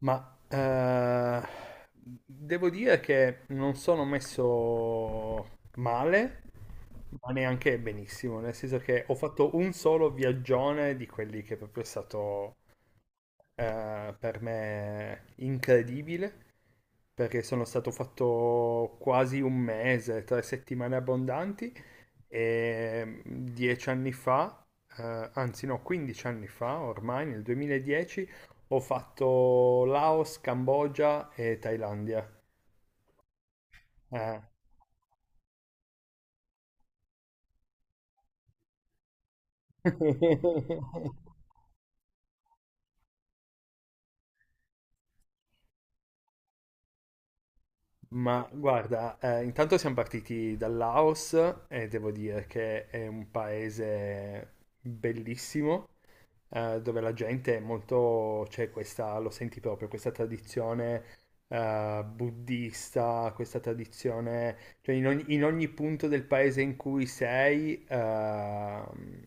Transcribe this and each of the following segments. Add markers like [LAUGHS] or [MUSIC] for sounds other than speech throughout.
Ma eh, devo dire che non sono messo male, ma neanche benissimo, nel senso che ho fatto un solo viaggione di quelli che è proprio stato per me incredibile, perché sono stato fatto quasi un mese, 3 settimane abbondanti, e 10 anni fa, anzi no, 15 anni fa, ormai nel 2010, ho fatto Laos, Cambogia e Thailandia. Eh. [LAUGHS] Ma guarda, intanto siamo partiti dal Laos e devo dire che è un paese bellissimo, dove la gente è molto, c'è questa, lo senti proprio, questa tradizione buddista, questa tradizione, cioè in ogni punto del paese in cui sei,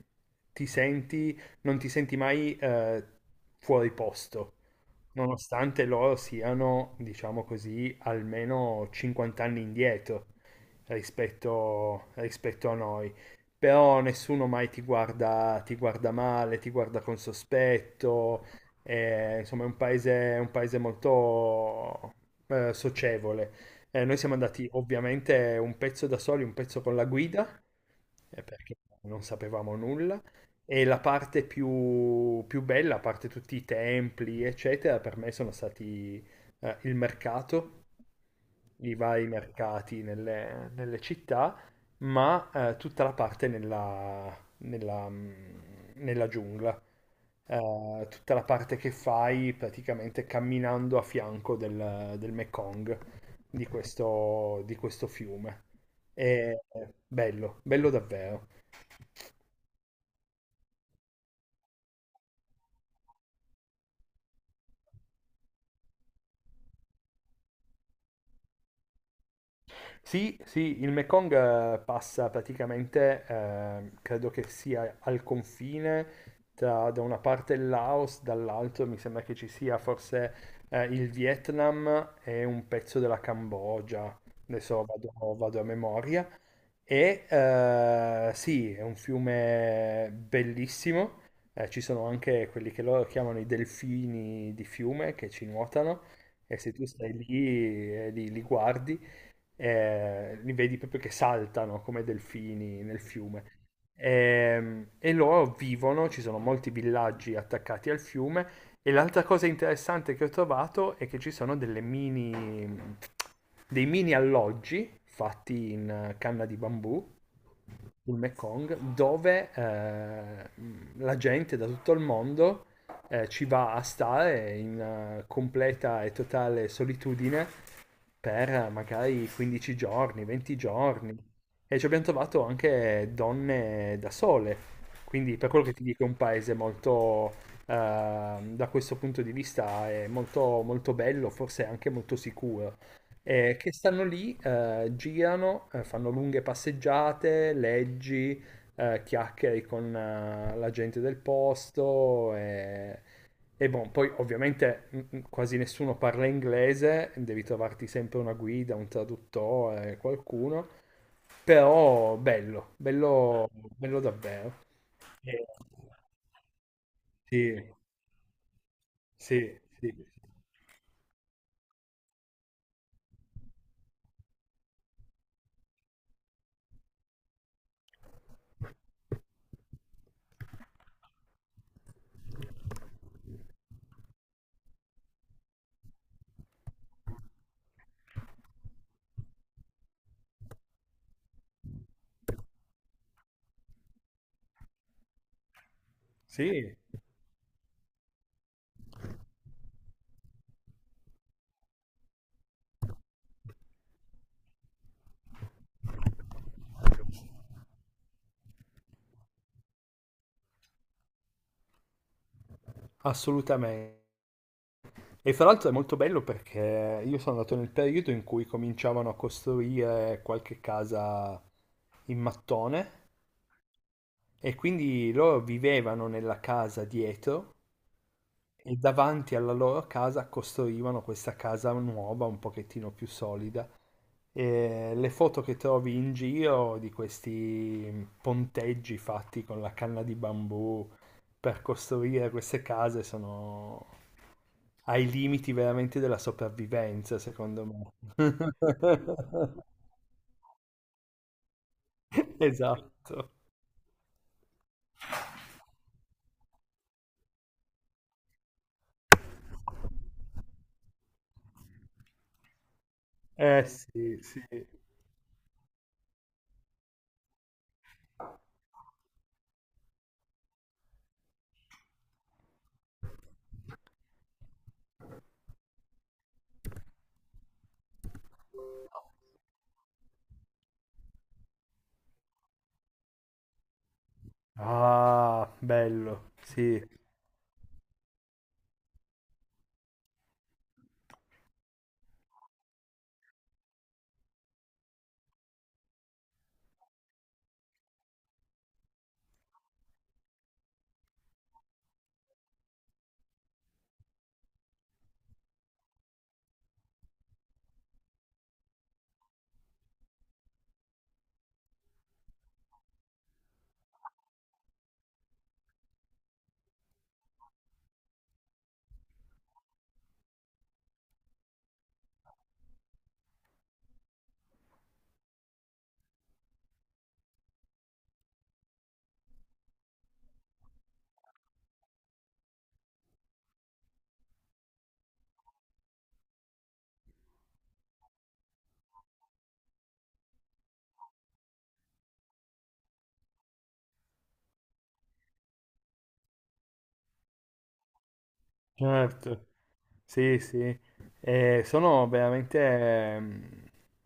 non ti senti mai fuori posto, nonostante loro siano, diciamo così, almeno 50 anni indietro rispetto a noi. Però nessuno mai ti guarda, ti guarda male, ti guarda con sospetto, insomma è un paese molto socievole. Noi siamo andati ovviamente un pezzo da soli, un pezzo con la guida, perché non sapevamo nulla. E la parte più, più bella, a parte tutti i templi, eccetera, per me sono stati il mercato, i vari mercati nelle città, ma tutta la parte nella giungla. Tutta la parte che fai praticamente camminando a fianco del Mekong, di questo fiume. È bello, bello davvero. Sì, sì, il Mekong passa praticamente, credo che sia al confine tra da una parte il Laos, dall'altra mi sembra che ci sia forse il Vietnam e un pezzo della Cambogia, adesso vado a memoria. E sì, è un fiume bellissimo, ci sono anche quelli che loro chiamano i delfini di fiume che ci nuotano, e se tu stai lì e li guardi li vedi proprio che saltano come delfini nel fiume. E loro vivono, ci sono molti villaggi attaccati al fiume. E l'altra cosa interessante che ho trovato è che ci sono delle mini alloggi fatti in canna di bambù sul Mekong, dove la gente da tutto il mondo ci va a stare in completa e totale solitudine per magari 15 giorni, 20 giorni, e ci abbiamo trovato anche donne da sole. Quindi, per quello che ti dico, è un paese molto, da questo punto di vista, è molto, molto bello, forse anche molto sicuro, che stanno lì, girano, fanno lunghe passeggiate, leggi, chiacchiere con la gente del posto, e boh, poi ovviamente quasi nessuno parla inglese, devi trovarti sempre una guida, un traduttore, qualcuno, però bello, bello, bello davvero. Eh, sì, sì, sì, sì, assolutamente. E fra l'altro è molto bello perché io sono andato nel periodo in cui cominciavano a costruire qualche casa in mattone, e quindi loro vivevano nella casa dietro e davanti alla loro casa costruivano questa casa nuova, un pochettino più solida. E le foto che trovi in giro di questi ponteggi fatti con la canna di bambù per costruire queste case sono ai limiti veramente della sopravvivenza, secondo me. [LAUGHS] Esatto. Eh sì, sì. Ah, bello, sì, certo. Sì, sì. Sono veramente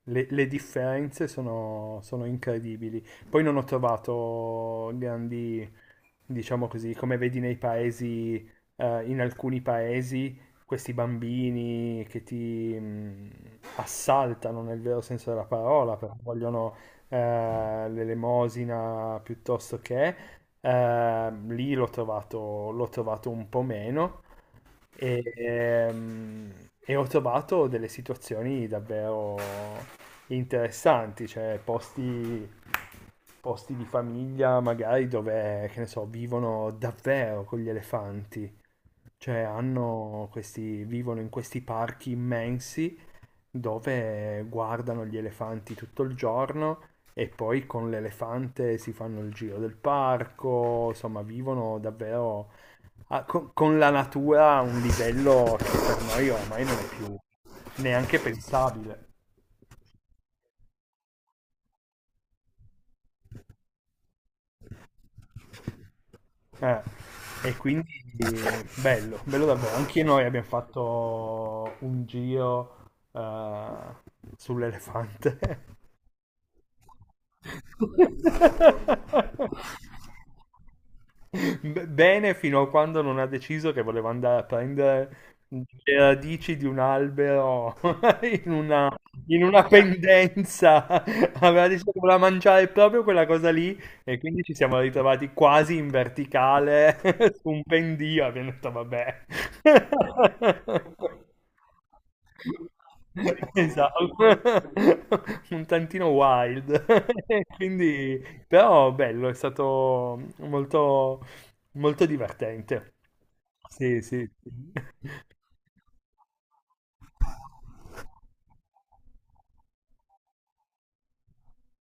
le differenze sono incredibili. Poi non ho trovato grandi, diciamo così, come vedi nei paesi, in alcuni paesi, questi bambini che ti assaltano nel vero senso della parola, perché vogliono eh, l'elemosina, piuttosto che, lì l'ho trovato un po' meno. E e ho trovato delle situazioni davvero interessanti, cioè posti, posti di famiglia magari dove, che ne so, vivono davvero con gli elefanti, cioè hanno questi, vivono in questi parchi immensi dove guardano gli elefanti tutto il giorno, e poi con l'elefante si fanno il giro del parco, insomma, vivono davvero con la natura a un livello che per noi ormai non è più neanche pensabile. Eh, E quindi bello, bello davvero. Anche noi abbiamo fatto un giro eh, sull'elefante. [LAUGHS] Bene, fino a quando non ha deciso che voleva andare a prendere le radici di un albero [LAUGHS] in una, in una pendenza. Aveva deciso che voleva mangiare proprio quella cosa lì e quindi ci siamo ritrovati quasi in verticale [LAUGHS] su un pendio. Abbiamo detto, vabbè. [LAUGHS] Esatto, [LAUGHS] un tantino wild, [LAUGHS] quindi però bello, è stato molto, molto divertente. Sì, sì, sì.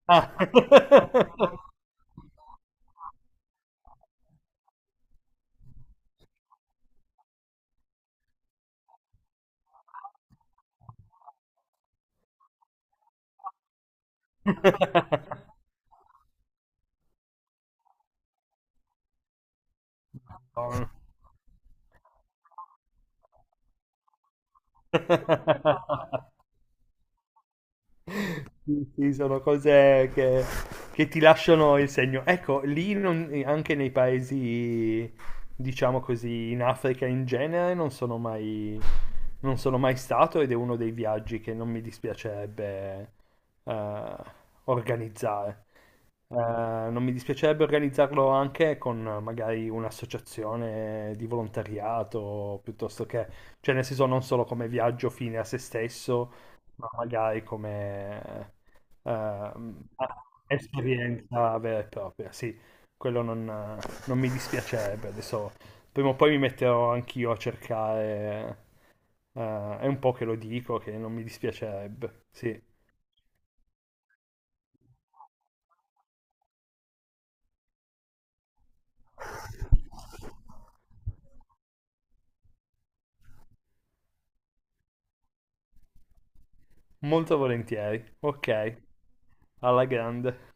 Ah. [LAUGHS] No. [LAUGHS] Sì, sì, sono cose che ti lasciano il segno. Ecco, lì anche nei paesi, diciamo così, in Africa in genere, non sono mai stato, ed è uno dei viaggi che non mi dispiacerebbe eh, organizzare. Eh, Non mi dispiacerebbe organizzarlo anche con magari un'associazione di volontariato, piuttosto che, cioè nel senso non solo come viaggio fine a se stesso, ma magari come esperienza vera e propria, sì, quello non mi dispiacerebbe. Adesso prima o poi mi metterò anch'io a cercare, è un po' che lo dico che non mi dispiacerebbe, sì, molto volentieri, ok, alla grande.